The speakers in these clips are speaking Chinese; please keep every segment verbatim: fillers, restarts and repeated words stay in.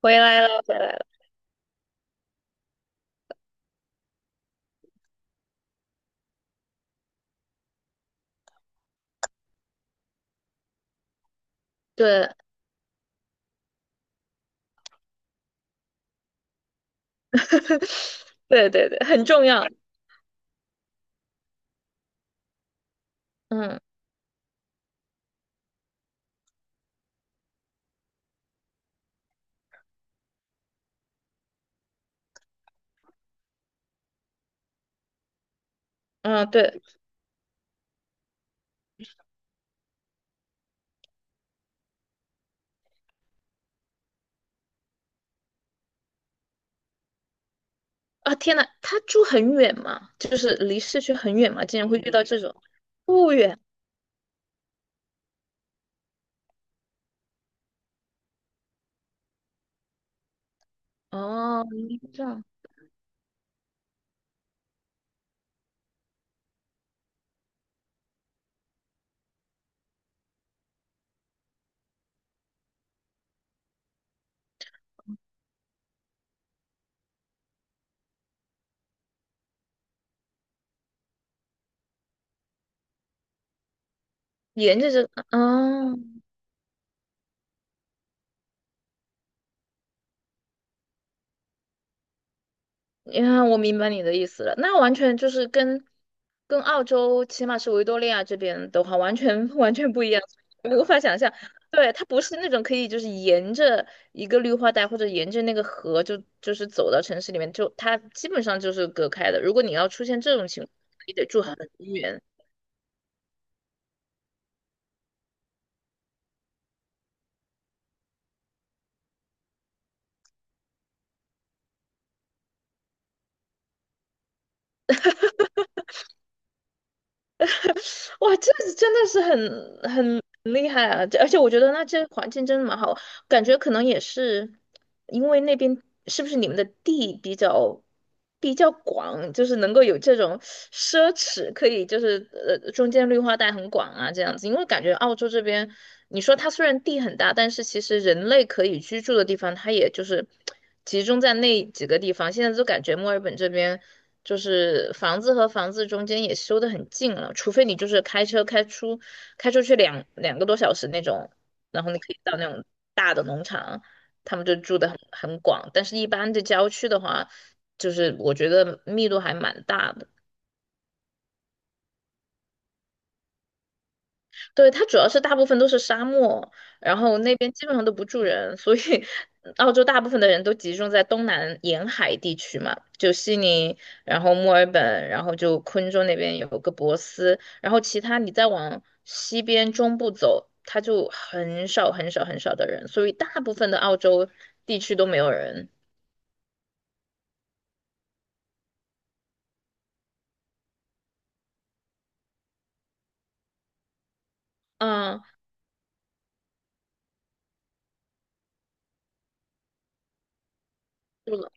回来了，回来了，对，对对对，很重要。嗯嗯，对啊，天呐，他住很远吗？就是离市区很远吗？竟然会遇到这种不远哦，这样沿着这个哦，你看，我明白你的意思了。那完全就是跟跟澳洲，起码是维多利亚这边的话，完全完全不一样，我无法想象。对，它不是那种可以就是沿着一个绿化带或者沿着那个河就就是走到城市里面，就它基本上就是隔开的。如果你要出现这种情况，你得住很远。哇，这真的是很很厉害啊！这而且我觉得那这环境真的蛮好。感觉可能也是因为那边是不是你们的地比较比较广，就是能够有这种奢侈，可以就是呃中间绿化带很广啊这样子。因为感觉澳洲这边，你说它虽然地很大，但是其实人类可以居住的地方，它也就是集中在那几个地方。现在就感觉墨尔本这边。就是房子和房子中间也修得很近了，除非你就是开车开出开出去两两个多小时那种，然后你可以到那种大的农场，他们就住的很很广。但是，一般的郊区的话，就是我觉得密度还蛮大的。对，它主要是大部分都是沙漠，然后那边基本上都不住人，所以澳洲大部分的人都集中在东南沿海地区嘛，就悉尼，然后墨尔本，然后就昆州那边有个珀斯，然后其他你再往西边中部走，它就很少很少很少的人，所以大部分的澳洲地区都没有人。嗯，是的，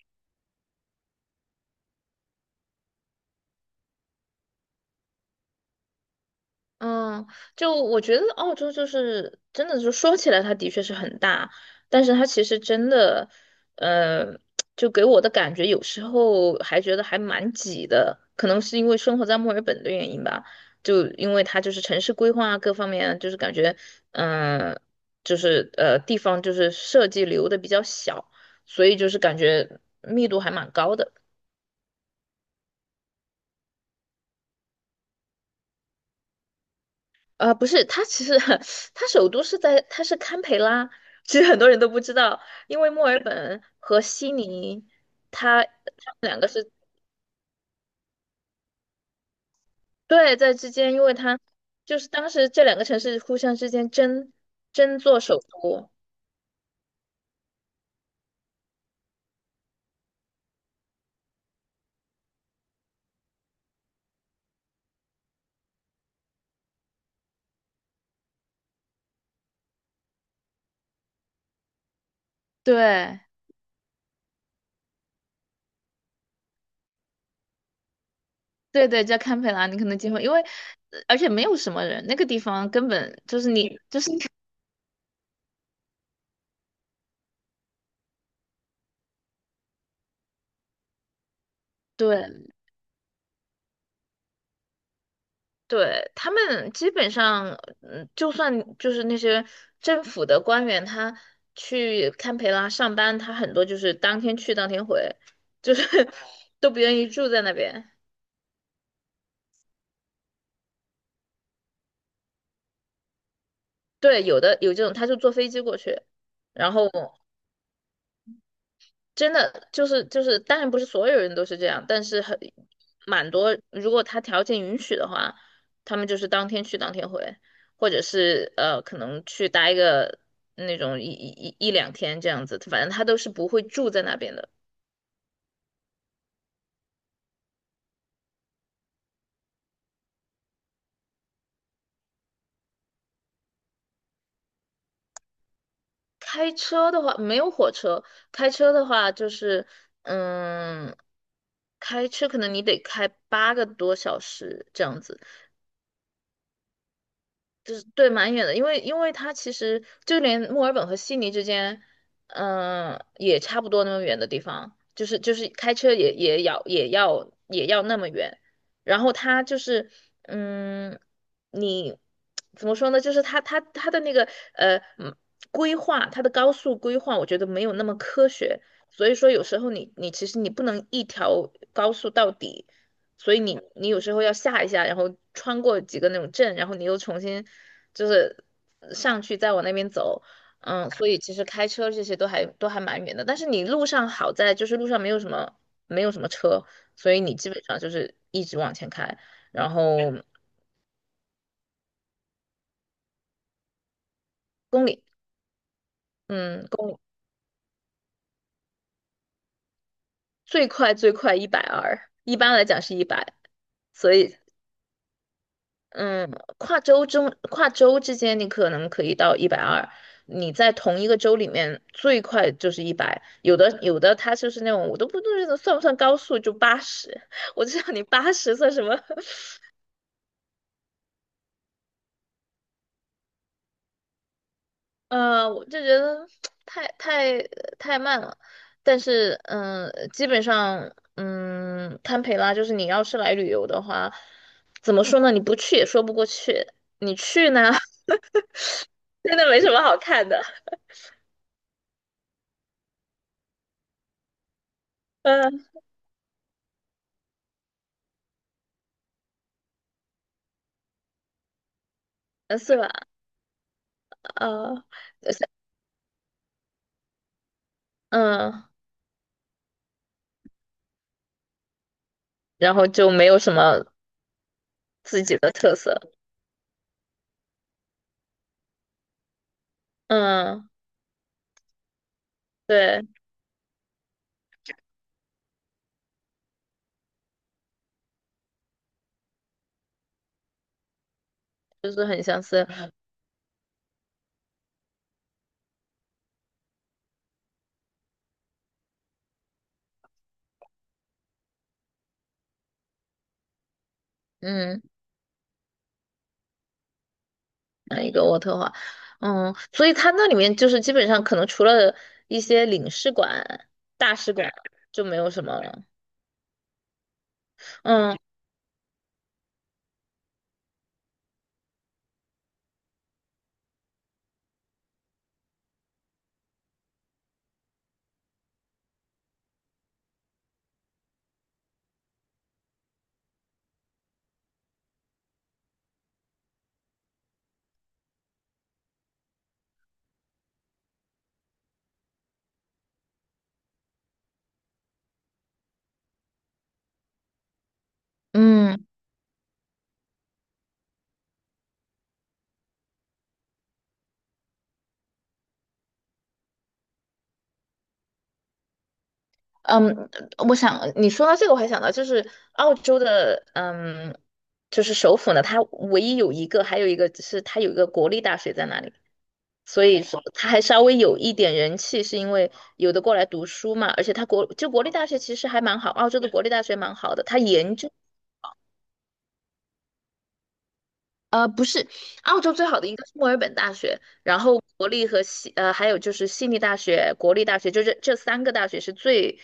嗯，就我觉得澳洲就是真的，就说起来它的确是很大，但是它其实真的，呃，就给我的感觉有时候还觉得还蛮挤的，可能是因为生活在墨尔本的原因吧，就因为它就是城市规划啊各方面啊，就是感觉，嗯、就是呃地方就是设计留的比较小，所以就是感觉密度还蛮高的。呃，不是，它其实 它首都是在，它是堪培拉。其实很多人都不知道，因为墨尔本和悉尼，它它们两个是对在之间，因为它就是当时这两个城市互相之间争争做首都。对对对，叫堪培拉，你可能机会，因为呃而且没有什么人，那个地方根本就是你就是 对对，他们基本上，嗯，就算就是那些政府的官员，他去堪培拉上班，他很多就是当天去当天回，就是 都不愿意住在那边。对，有的有这种，他就坐飞机过去，然后真的就是就是，当然不是所有人都是这样，但是很蛮多，如果他条件允许的话，他们就是当天去当天回，或者是呃可能去待个那种一一一一两天这样子，反正他都是不会住在那边的。开车的话没有火车，开车的话就是嗯，开车可能你得开八个多小时这样子。就是对蛮远的，因为因为它其实就连墨尔本和悉尼之间，嗯、也差不多那么远的地方，就是就是开车也也要也要也要那么远，然后它就是嗯，你怎么说呢？就是它它它的那个呃嗯规划，它的高速规划，我觉得没有那么科学，所以说有时候你你其实你不能一条高速到底。所以你你有时候要下一下，然后穿过几个那种镇，然后你又重新就是上去，再往那边走。嗯，所以其实开车这些都还都还蛮远的，但是你路上好在就是路上没有什么没有什么车，所以你基本上就是一直往前开，然后公里，嗯，公里最快最快一百二，一般来讲是一百，所以嗯，跨州中跨州之间，你可能可以到一百二。你在同一个州里面，最快就是一百。有的有的，它就是那种，我都不知道算不算高速，就八十。我知道你八十算什么？呃，我就觉得太太太慢了。但是，嗯、基本上，嗯，堪培拉就是你要是来旅游的话，怎么说呢？你不去也说不过去，你去呢，真的没什么好看的。嗯，呃是吧？呃，就是嗯，然后就没有什么自己的特色，嗯，对，就是很相似，嗯，那一个渥特华，嗯，所以它那里面就是基本上可能除了一些领事馆、大使馆就没有什么了，嗯嗯嗯，我想你说到这个，我还想到就是澳洲的，嗯，就是首府呢，它唯一有一个，还有一个是它有一个国立大学在那里。所以说他还稍微有一点人气，是因为有的过来读书嘛，而且他国就国立大学其实还蛮好，澳洲的国立大学蛮好的，他研究呃不是澳洲最好的应该是墨尔本大学，然后国立和悉呃还有就是悉尼大学、国立大学，就这这三个大学是最。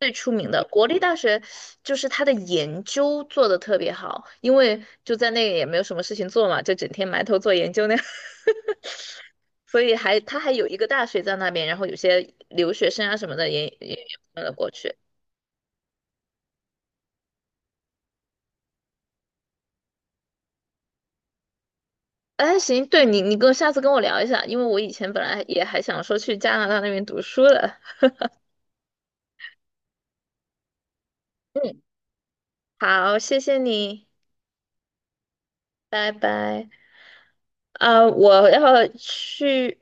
最出名的国立大学，就是他的研究做的特别好，因为就在那也没有什么事情做嘛，就整天埋头做研究那样。所以还他还有一个大学在那边，然后有些留学生啊什么的也也也搬了过去。哎，行，对你你跟下次跟我聊一下，因为我以前本来也还想说去加拿大那边读书的。嗯，好，谢谢你，拜拜。啊、我要去。